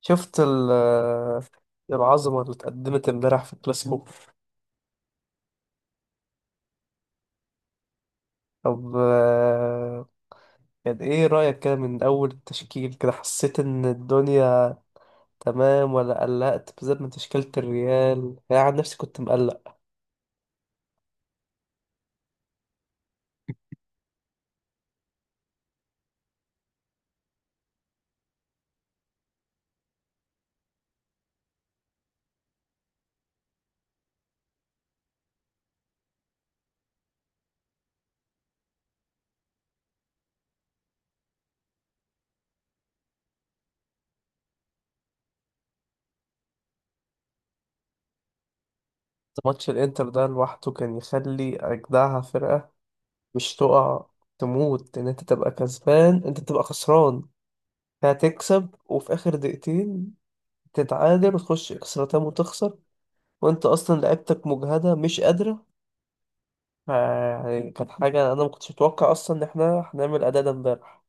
شفت العظمة اللي اتقدمت امبارح في الكلاسيكو. طب آه، كان ايه رأيك كده من أول التشكيل كده؟ حسيت إن الدنيا تمام ولا قلقت بالذات من تشكيلة الريال؟ أنا عن نفسي كنت مقلق. ماتش الإنتر ده لوحده كان يخلي أجدعها فرقة مش تقع، تموت إن أنت تبقى كسبان أنت تبقى خسران، هتكسب وفي آخر دقيقتين تتعادل وتخش إكسترا تايم وتخسر، وأنت أصلا لعيبتك مجهدة مش قادرة. يعني كانت حاجة أنا ما كنتش متوقع أصلا إن إحنا هنعمل أداء ده إمبارح.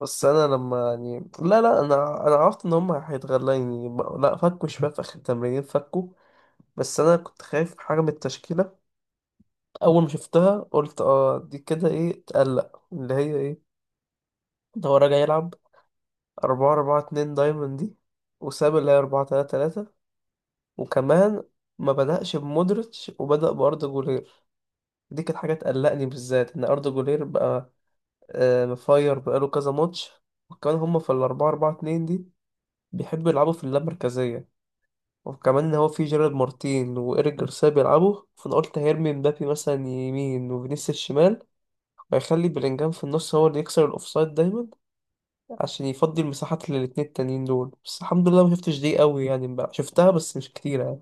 بس أنا لما يعني لا أنا عرفت إن هما هيتغلوا يعني لا، فكوا شباب في آخر التمرين فكوا. بس أنا كنت خايف حاجة من التشكيلة. أول ما شفتها قلت آه دي كده إيه تقلق اللي هي إيه؟ ده هو راجع يلعب أربعة أربعة اتنين دايموند دي، وساب اللي هي أربعة تلاتة تلاتة. وكمان ما بدأش بمودريتش وبدأ بأردا جولير. دي كانت حاجة تقلقني بالذات إن أردا جولير بقى آه، مفاير بقاله كذا ماتش. وكمان هم في الأربعة أربعة اتنين دي بيحبوا يلعبوا في اللامركزية، وكمان إن هو في جيرارد مارتين وإيريك جارسيا بيلعبوا. فأنا قلت هيرمي مبابي مثلا يمين وفينيسيوس شمال، وهيخلي بلينجهام في النص هو اللي يكسر الأوفسايد دايما عشان يفضي المساحات للاتنين التانيين دول. بس الحمد لله ما شفتش دي قوي يعني، بقى شفتها بس مش كتير يعني.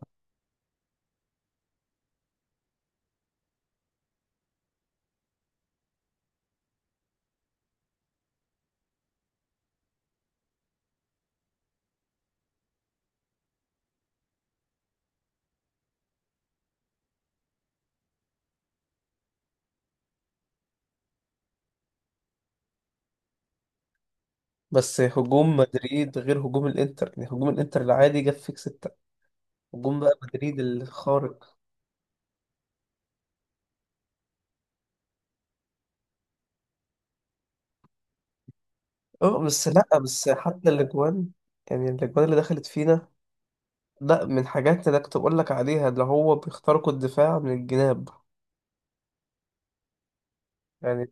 بس هجوم مدريد غير هجوم الإنتر يعني، هجوم الإنتر العادي جاب فيك ستة، هجوم بقى مدريد الخارق. اه بس لا بس حتى الاجوان، يعني الاجوان اللي دخلت فينا، لا من حاجات انا كنت بقول لك عليها اللي هو بيخترقوا الدفاع من الجناب يعني.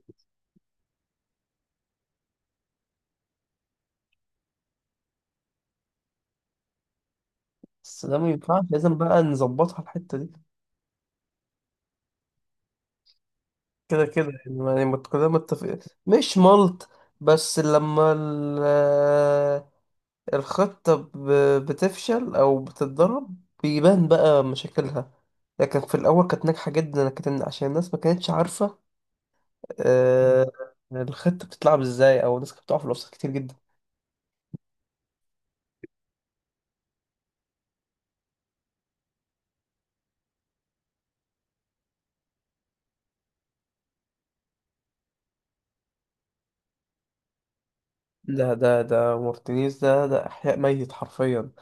بس ده ما ينفعش، لازم بقى نظبطها الحته دي. كده كده يعني، ما يعني ما كلنا متفقين. مش ملط، بس لما الخطه بتفشل او بتتضرب بيبان بقى مشاكلها، لكن في الاول كانت ناجحه جدا لكن عشان الناس ما كانتش عارفه آه، الخطة بتتلعب ازاي، او الناس كانت بتقع في الاوفسايد كتير جدا. ده مارتينيز ده احياء ميت حرفيا.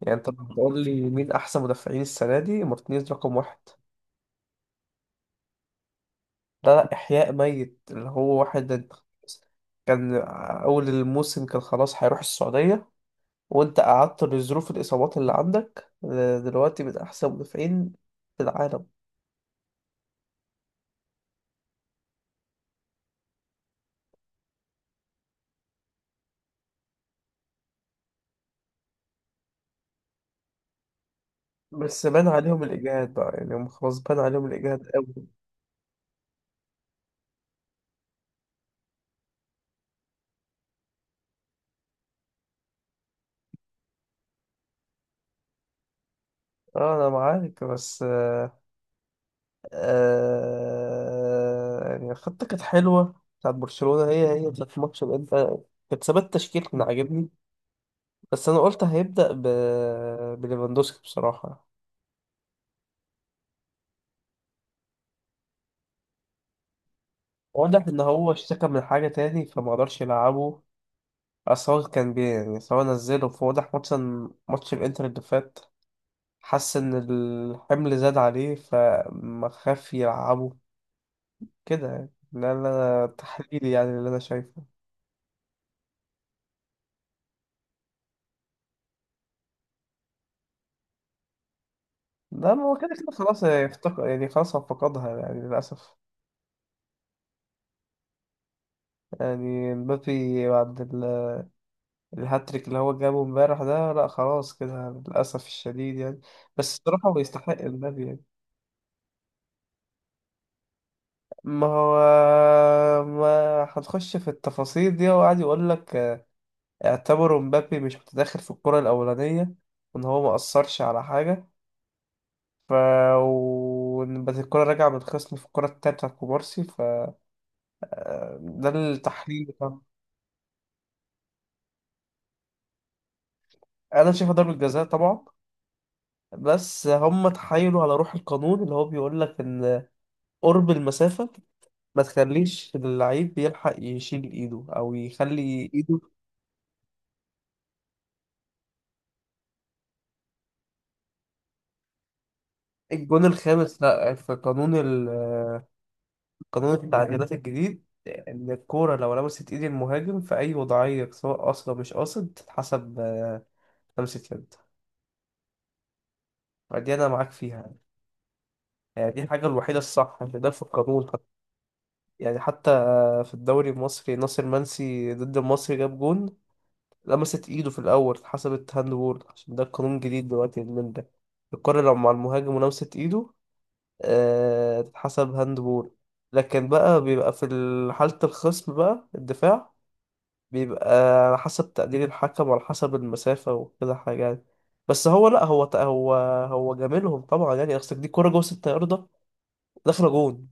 يعني انت بتقول لي مين احسن مدافعين السنة دي؟ مارتينيز رقم واحد. لا لا احياء ميت اللي هو واحد، انت كان اول الموسم كان خلاص هيروح السعودية وانت قعدت لظروف الاصابات اللي عندك، آه، دلوقتي من احسن مدافعين في العالم. بس بان عليهم الاجهاد بقى يعني، هم خلاص بان عليهم الاجهاد قوي. اه انا معاك بس آه، آه يعني خطة كانت حلوة بتاعت برشلونة، هي بتاعت الماتش ده انت، كانت ثبات تشكيل كان عاجبني. بس انا قلت هيبدأ ب... بليفاندوسكي بصراحة. واضح ان هو اشتكى من حاجة تاني فما قدرش يلعبه. اصل هو كان بي يعني سواء نزله فواضح ماتش الانتر اللي فات حس ان الحمل زاد عليه فما خاف يلعبه كده يعني. ده اللي انا تحليلي يعني اللي انا شايفه. لا ما هو كده كده خلاص افتقد يعني، خلاص هو فقدها يعني للأسف. يعني مبابي بعد الهاتريك اللي هو جابه امبارح ده، لا خلاص كده للأسف الشديد يعني. بس الصراحة هو يستحق المبابي يعني. ما هو ما هنخش في التفاصيل دي، هو قاعد يقول لك اعتبروا مبابي مش متداخل في الكرة الأولانية، وإن هو ما أثرش على حاجة، ف وإن بس الكرة راجعة من الخصم في الكرة التالتة بتاعت كوبارسي، ف آه، ده التحليل. انا شايفها ضربة جزاء طبعا، بس هم تحايلوا على روح القانون اللي هو بيقول لك ان قرب المسافة ما تخليش اللعيب بيلحق يشيل ايده او يخلي ايده. الجون الخامس لا، في قانون قانون التعديلات الجديد ان الكورة لو لمست ايد المهاجم في اي وضعية سواء قاصد أو مش قاصد تتحسب آه، لمسة يد. فدي انا معاك فيها يعني، يعني دي الحاجة الوحيدة الصح اللي ده في القانون حتى. يعني حتى في الدوري المصري ناصر منسي ضد المصري جاب جون، لمست ايده في الاول اتحسبت هاند بول عشان ده قانون جديد دلوقتي من ده، الكرة لو مع المهاجم ولمست ايده آه، تتحسب هاند بول. لكن بقى بيبقى في حالة الخصم بقى الدفاع بيبقى على حسب تقدير الحكم وعلى حسب المسافة وكده حاجة يعني. بس هو لا هو هو جاملهم طبعا يعني، اصل دي كرة جوه 6 ياردة داخلة جون.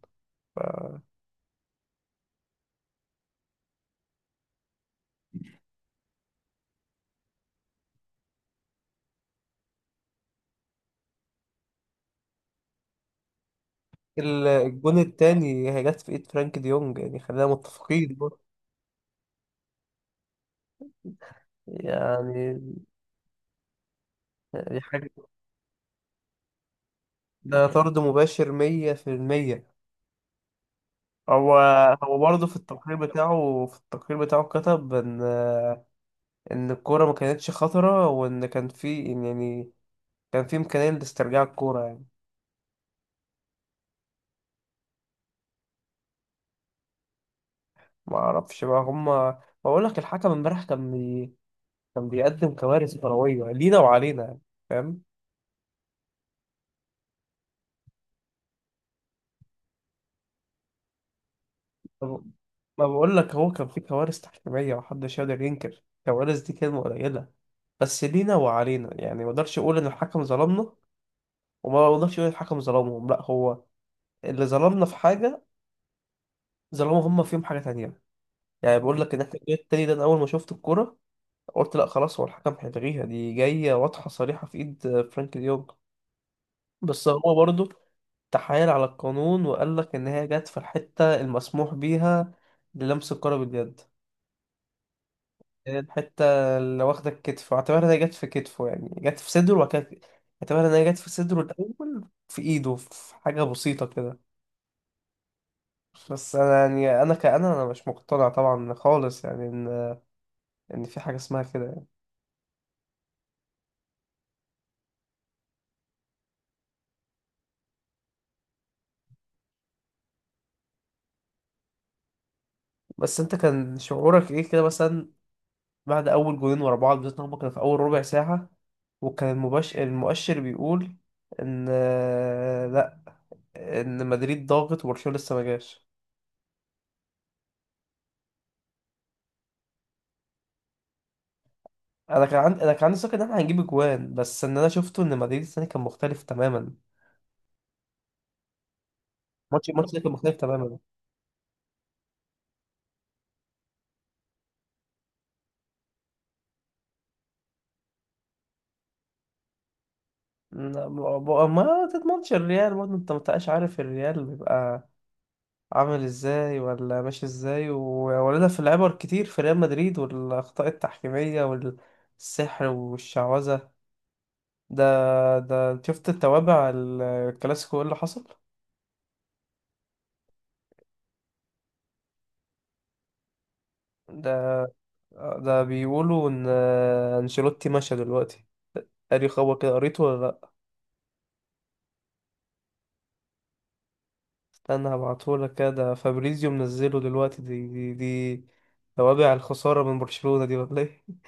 الجون التاني هي جت في ايد فرانك ديونج، يعني خلينا متفقين برضه. يعني دي حاجة. ده طرد مباشر مية في المية. هو هو برضه في التقرير بتاعه، في التقرير بتاعه كتب ان ان الكورة ما كانتش خطرة وان كان في إن يعني كان في امكانية لاسترجاع الكورة يعني. ما اعرفش بقى، هما بقول لك الحكم امبارح كان بي... كان بيقدم كوارث كروية لينا وعلينا يعني، فاهم؟ طب- ما بقول لك هو كان في كوارث تحكيمية محدش يقدر ينكر، كوارث دي كلمة قليلة، بس لينا وعلينا يعني. ما اقدرش اقول ان الحكم ظلمنا وما اقدرش اقول الحكم ظلمهم، لا هو اللي ظلمنا في حاجة ظلموا هم فيهم حاجة تانية. يعني بقول لك ان احنا الجول التاني ده انا اول ما شفت الكرة قلت لا خلاص هو الحكم هيلغيها، دي جاية واضحة صريحة في ايد فرانك ديونج. بس هو برضه تحايل على القانون وقال لك ان هي جت في الحتة المسموح بيها للمس الكرة باليد، الحتة اللي واخدة الكتف، واعتبرها ان هي جت في كتفه يعني جت في صدره، وبعد كده اعتبرها ان هي جت في صدره الاول في ايده في حاجة بسيطة كده. بس انا يعني انا كأنا انا مش مقتنع طبعا خالص يعني، يعني في حاجة اسمها كده يعني. بس انت كان شعورك ايه كده مثلا بعد اول جولين ورا بعض، بالذات إن هما كانوا في اول ربع ساعة وكان المبش... المؤشر بيقول ان آه، لا، ان مدريد ضاغط وبرشلونة لسه ما جاش. انا كان عندي ثقة ان احنا هنجيب اجوان، بس ان انا شفته ان مدريد الثاني كان مختلف تماما. الماتش ده كان مختلف تماما. لا، ما تضمنش الريال برضه، انت ما بتبقاش عارف الريال بيبقى عامل ازاي ولا ماشي ازاي، وولدها في العبر كتير في ريال مدريد، والاخطاء التحكيميه والسحر والشعوذه ده. ده شفت التوابع الكلاسيكو ايه اللي حصل ده؟ ده بيقولوا ان انشيلوتي مشى دلوقتي. قاري خبر كده؟ قريته ولا لا؟ استنى هبعتهولك كده، ده فابريزيو منزله دلوقتي. دي توابع الخساره من برشلونه دي ولا ايه؟